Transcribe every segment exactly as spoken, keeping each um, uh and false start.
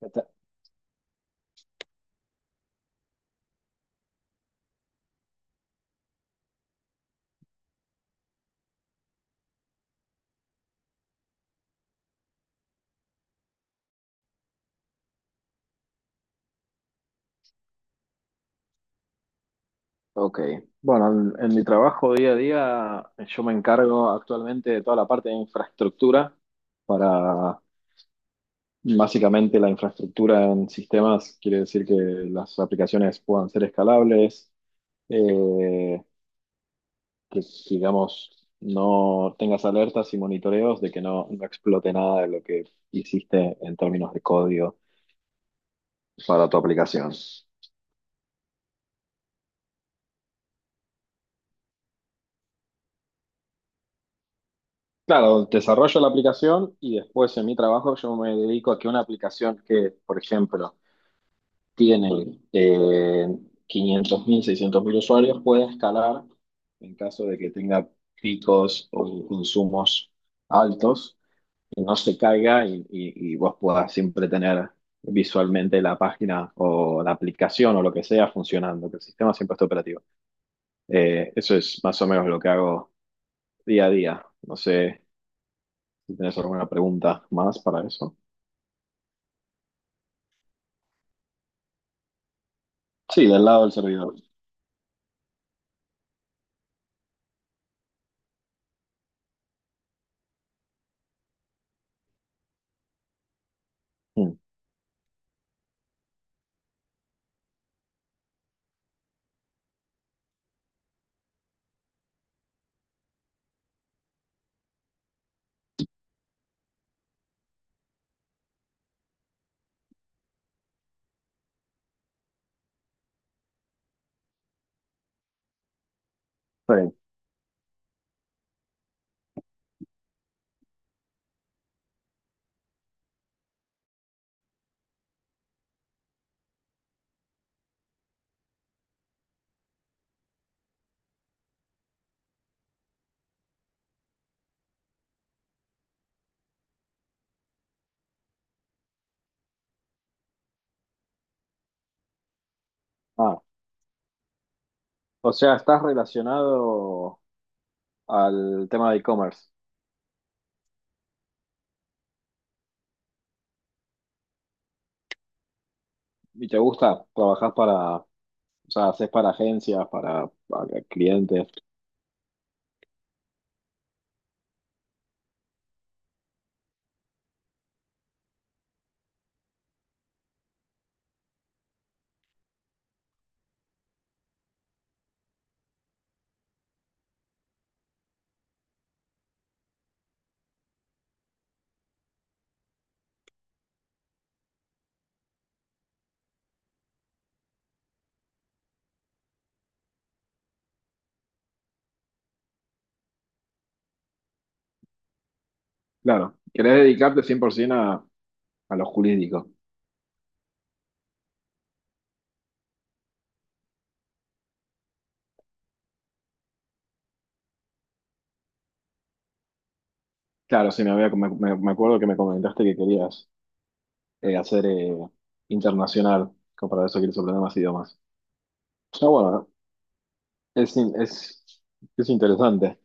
Está- Ok, bueno, en, en mi trabajo día a día yo me encargo actualmente de toda la parte de infraestructura para básicamente la infraestructura en sistemas, quiere decir que las aplicaciones puedan ser escalables, eh, que digamos no tengas alertas y monitoreos de que no, no explote nada de lo que hiciste en términos de código para tu aplicación. Claro, desarrollo la aplicación y después en mi trabajo yo me dedico a que una aplicación que, por ejemplo, tiene eh, quinientos mil, seiscientos mil usuarios pueda escalar en caso de que tenga picos o consumos altos y no se caiga y, y- y vos puedas siempre tener visualmente la página o la aplicación o lo que sea funcionando, que el sistema siempre esté operativo. Eh, eso es más o menos lo que hago día a día. No sé si tienes alguna pregunta más para eso. Sí, del lado del servidor. Mm, está bien. Ah, o sea, estás relacionado al tema de e-commerce y te gusta, trabajas para, o sea, haces para agencias, para, para clientes. Claro, querés dedicarte cien por ciento a, a lo jurídico. Claro, sí, me, había, me, me- me acuerdo que me comentaste que querías eh, hacer eh, internacional, como para eso quieres aprender más idiomas. Está bueno, es, in- es, es interesante.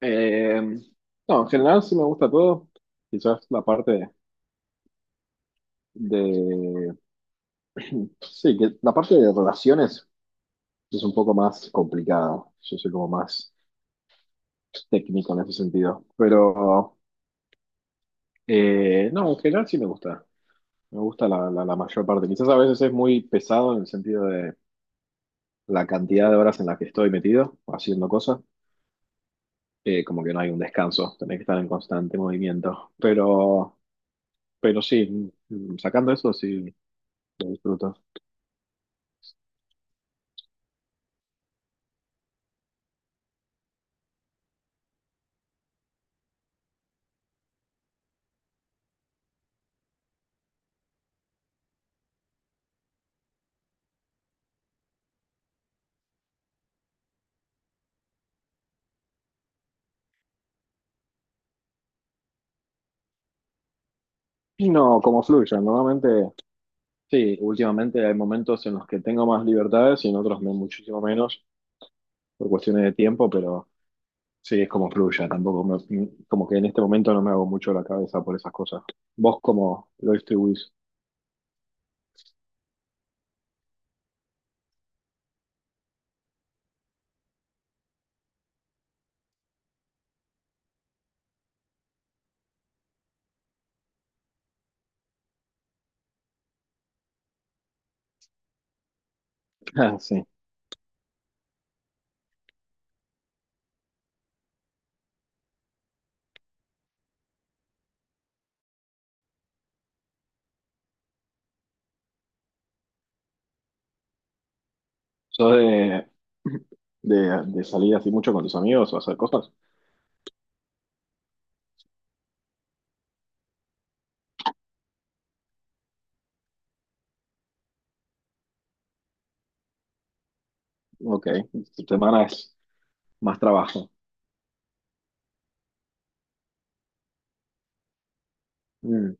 Eh, no, en general sí me gusta todo. Quizás la parte de… Sí, que la parte de relaciones es un poco más complicada. Yo soy como más técnico en ese sentido. Pero eh, no, en general sí me gusta. Me gusta la, la, la mayor parte. Quizás a veces es muy pesado en el sentido de la cantidad de horas en las que estoy metido haciendo cosas. Eh, como que no hay un descanso. Tenés que estar en constante movimiento. Pero, pero sí, mm, sacando eso sí lo disfruto. Y no, como fluya. Normalmente, sí, últimamente hay momentos en los que tengo más libertades y en otros me- muchísimo menos por cuestiones de tiempo, pero sí, es como fluya. Tampoco me- como que en este momento no me hago mucho la cabeza por esas cosas. ¿Vos cómo lo distribuís? Ah, sí. ¿Sos de, de, de salir así mucho con tus amigos o hacer cosas? Ok, tu semana es más trabajo. Mm.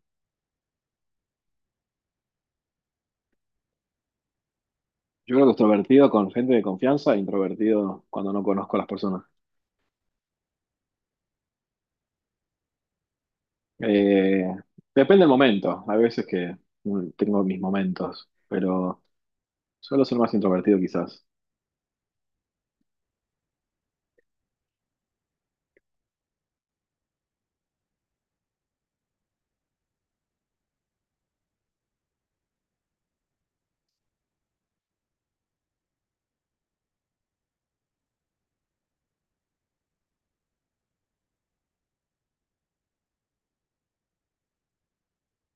Yo creo que extrovertido con gente de confianza, introvertido cuando no conozco a las personas. Eh, Depende del momento. A veces que mm, tengo mis momentos, pero suelo ser más introvertido quizás.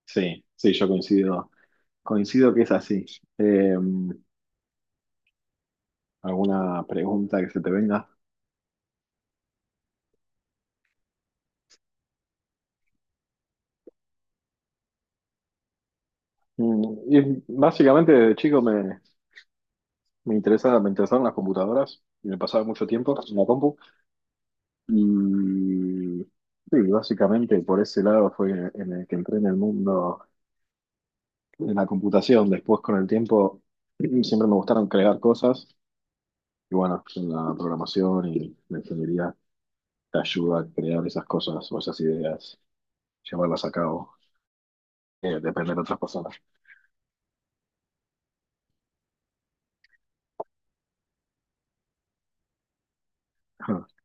Sí, sí, yo coincido. Coincido que es así. Eh, ¿Alguna pregunta que se te venga? Mm, y básicamente de chico me, me interesa, me interesaron las computadoras y me pasaba mucho tiempo en la compu. Y sí, básicamente por ese lado fue en el que entré en el mundo de la computación. Después con el tiempo siempre me gustaron crear cosas. Y bueno, pues, en la programación y la ingeniería te ayuda a crear esas cosas o esas ideas, llevarlas a cabo, eh, depender de otras personas.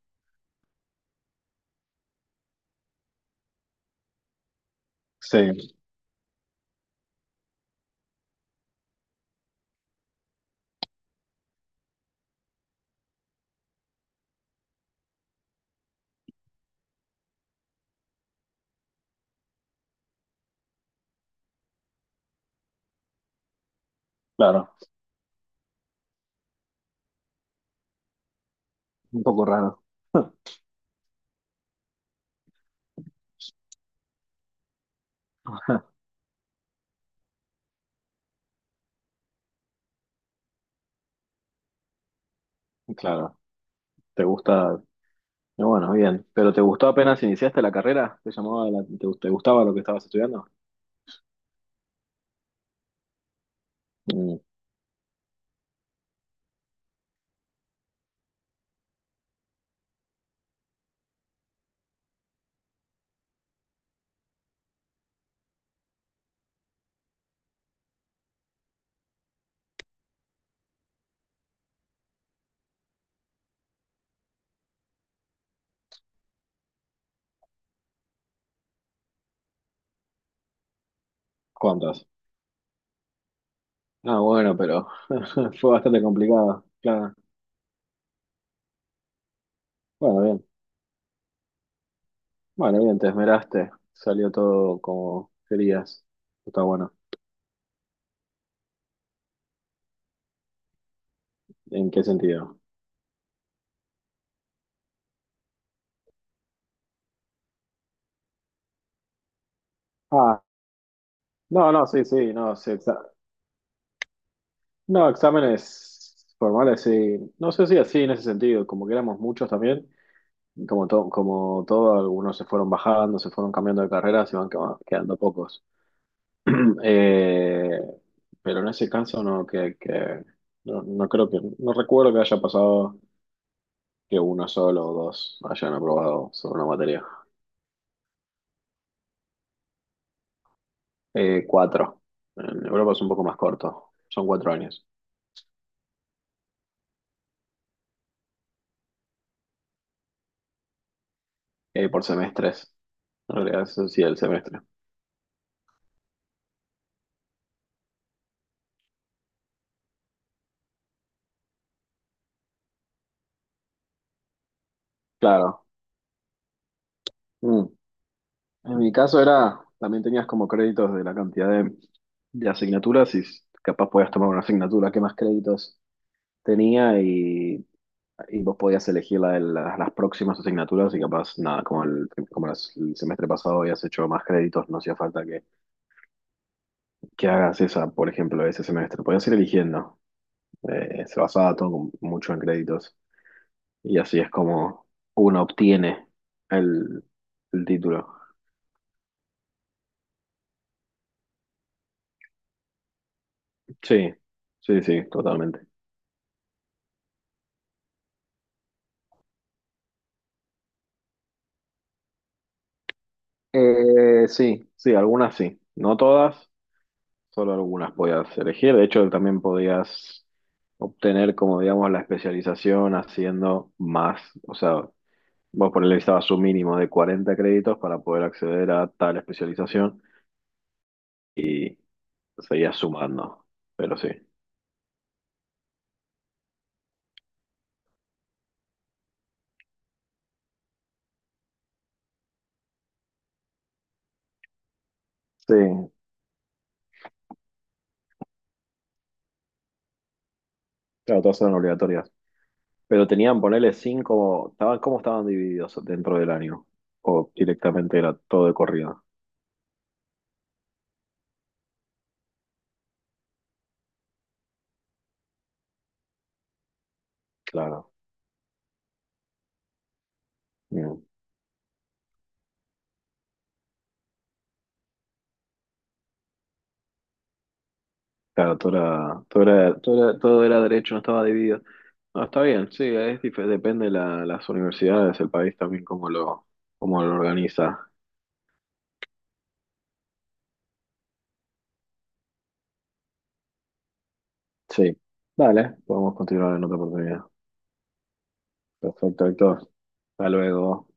Sí, claro, un poco raro. Claro, te gusta, y bueno, bien, pero ¿te gustó apenas iniciaste la carrera? ¿Te llamaba la- te, te gustaba lo que estabas estudiando? Mm, ¿cuántas? Ah, bueno, pero fue bastante complicado, claro. Bueno, bien, bueno, bien, te esmeraste, salió todo como querías, está bueno. ¿En qué sentido? Ah, no, no, sí, sí, no, sí, exa- no, exámenes formales, sí. No sé si así en ese sentido, como que éramos muchos también, y como todo, como todo, algunos se fueron bajando, se fueron cambiando de carreras y van quema- quedando pocos. Eh, pero en ese caso no, que, que no, no creo que, no recuerdo que haya pasado que uno solo o dos hayan aprobado sobre una materia. Eh, cuatro. En Europa es un poco más corto, son cuatro años, eh, por semestres. En realidad es así el semestre. Claro. Mm. En mi caso era, también tenías como créditos de la cantidad de, de asignaturas y capaz podías tomar una asignatura que más créditos tenía y, y vos podías elegir la de la- las próximas asignaturas y capaz, nada, como el, como las- el semestre pasado habías hecho más créditos, no hacía falta que, que hagas esa, por ejemplo, ese semestre. Podías ir eligiendo. Eh, se basaba todo con- mucho en créditos y así es como uno obtiene el, el título. Sí, sí, sí, totalmente. Eh, sí, sí, algunas sí. No todas, solo algunas podías elegir. De hecho, también podías obtener, como digamos, la especialización haciendo más. O sea, vos por ahí necesitabas un mínimo de cuarenta créditos para poder acceder a tal especialización y seguías sumando. Pero sí. Sí, claro, todas eran obligatorias. Pero tenían, ponerle cinco, estaban, ¿cómo estaban divididos dentro del año? O directamente era todo de corrido. Claro. Bien. Claro, todo era, todo era, todo era- todo era derecho, no estaba dividido. No, está bien, sí, es, dif- depende de la, las universidades, el país también cómo lo, cómo lo organiza. Sí, dale, podemos continuar en otra oportunidad. Perfecto, Héctor. Hasta luego.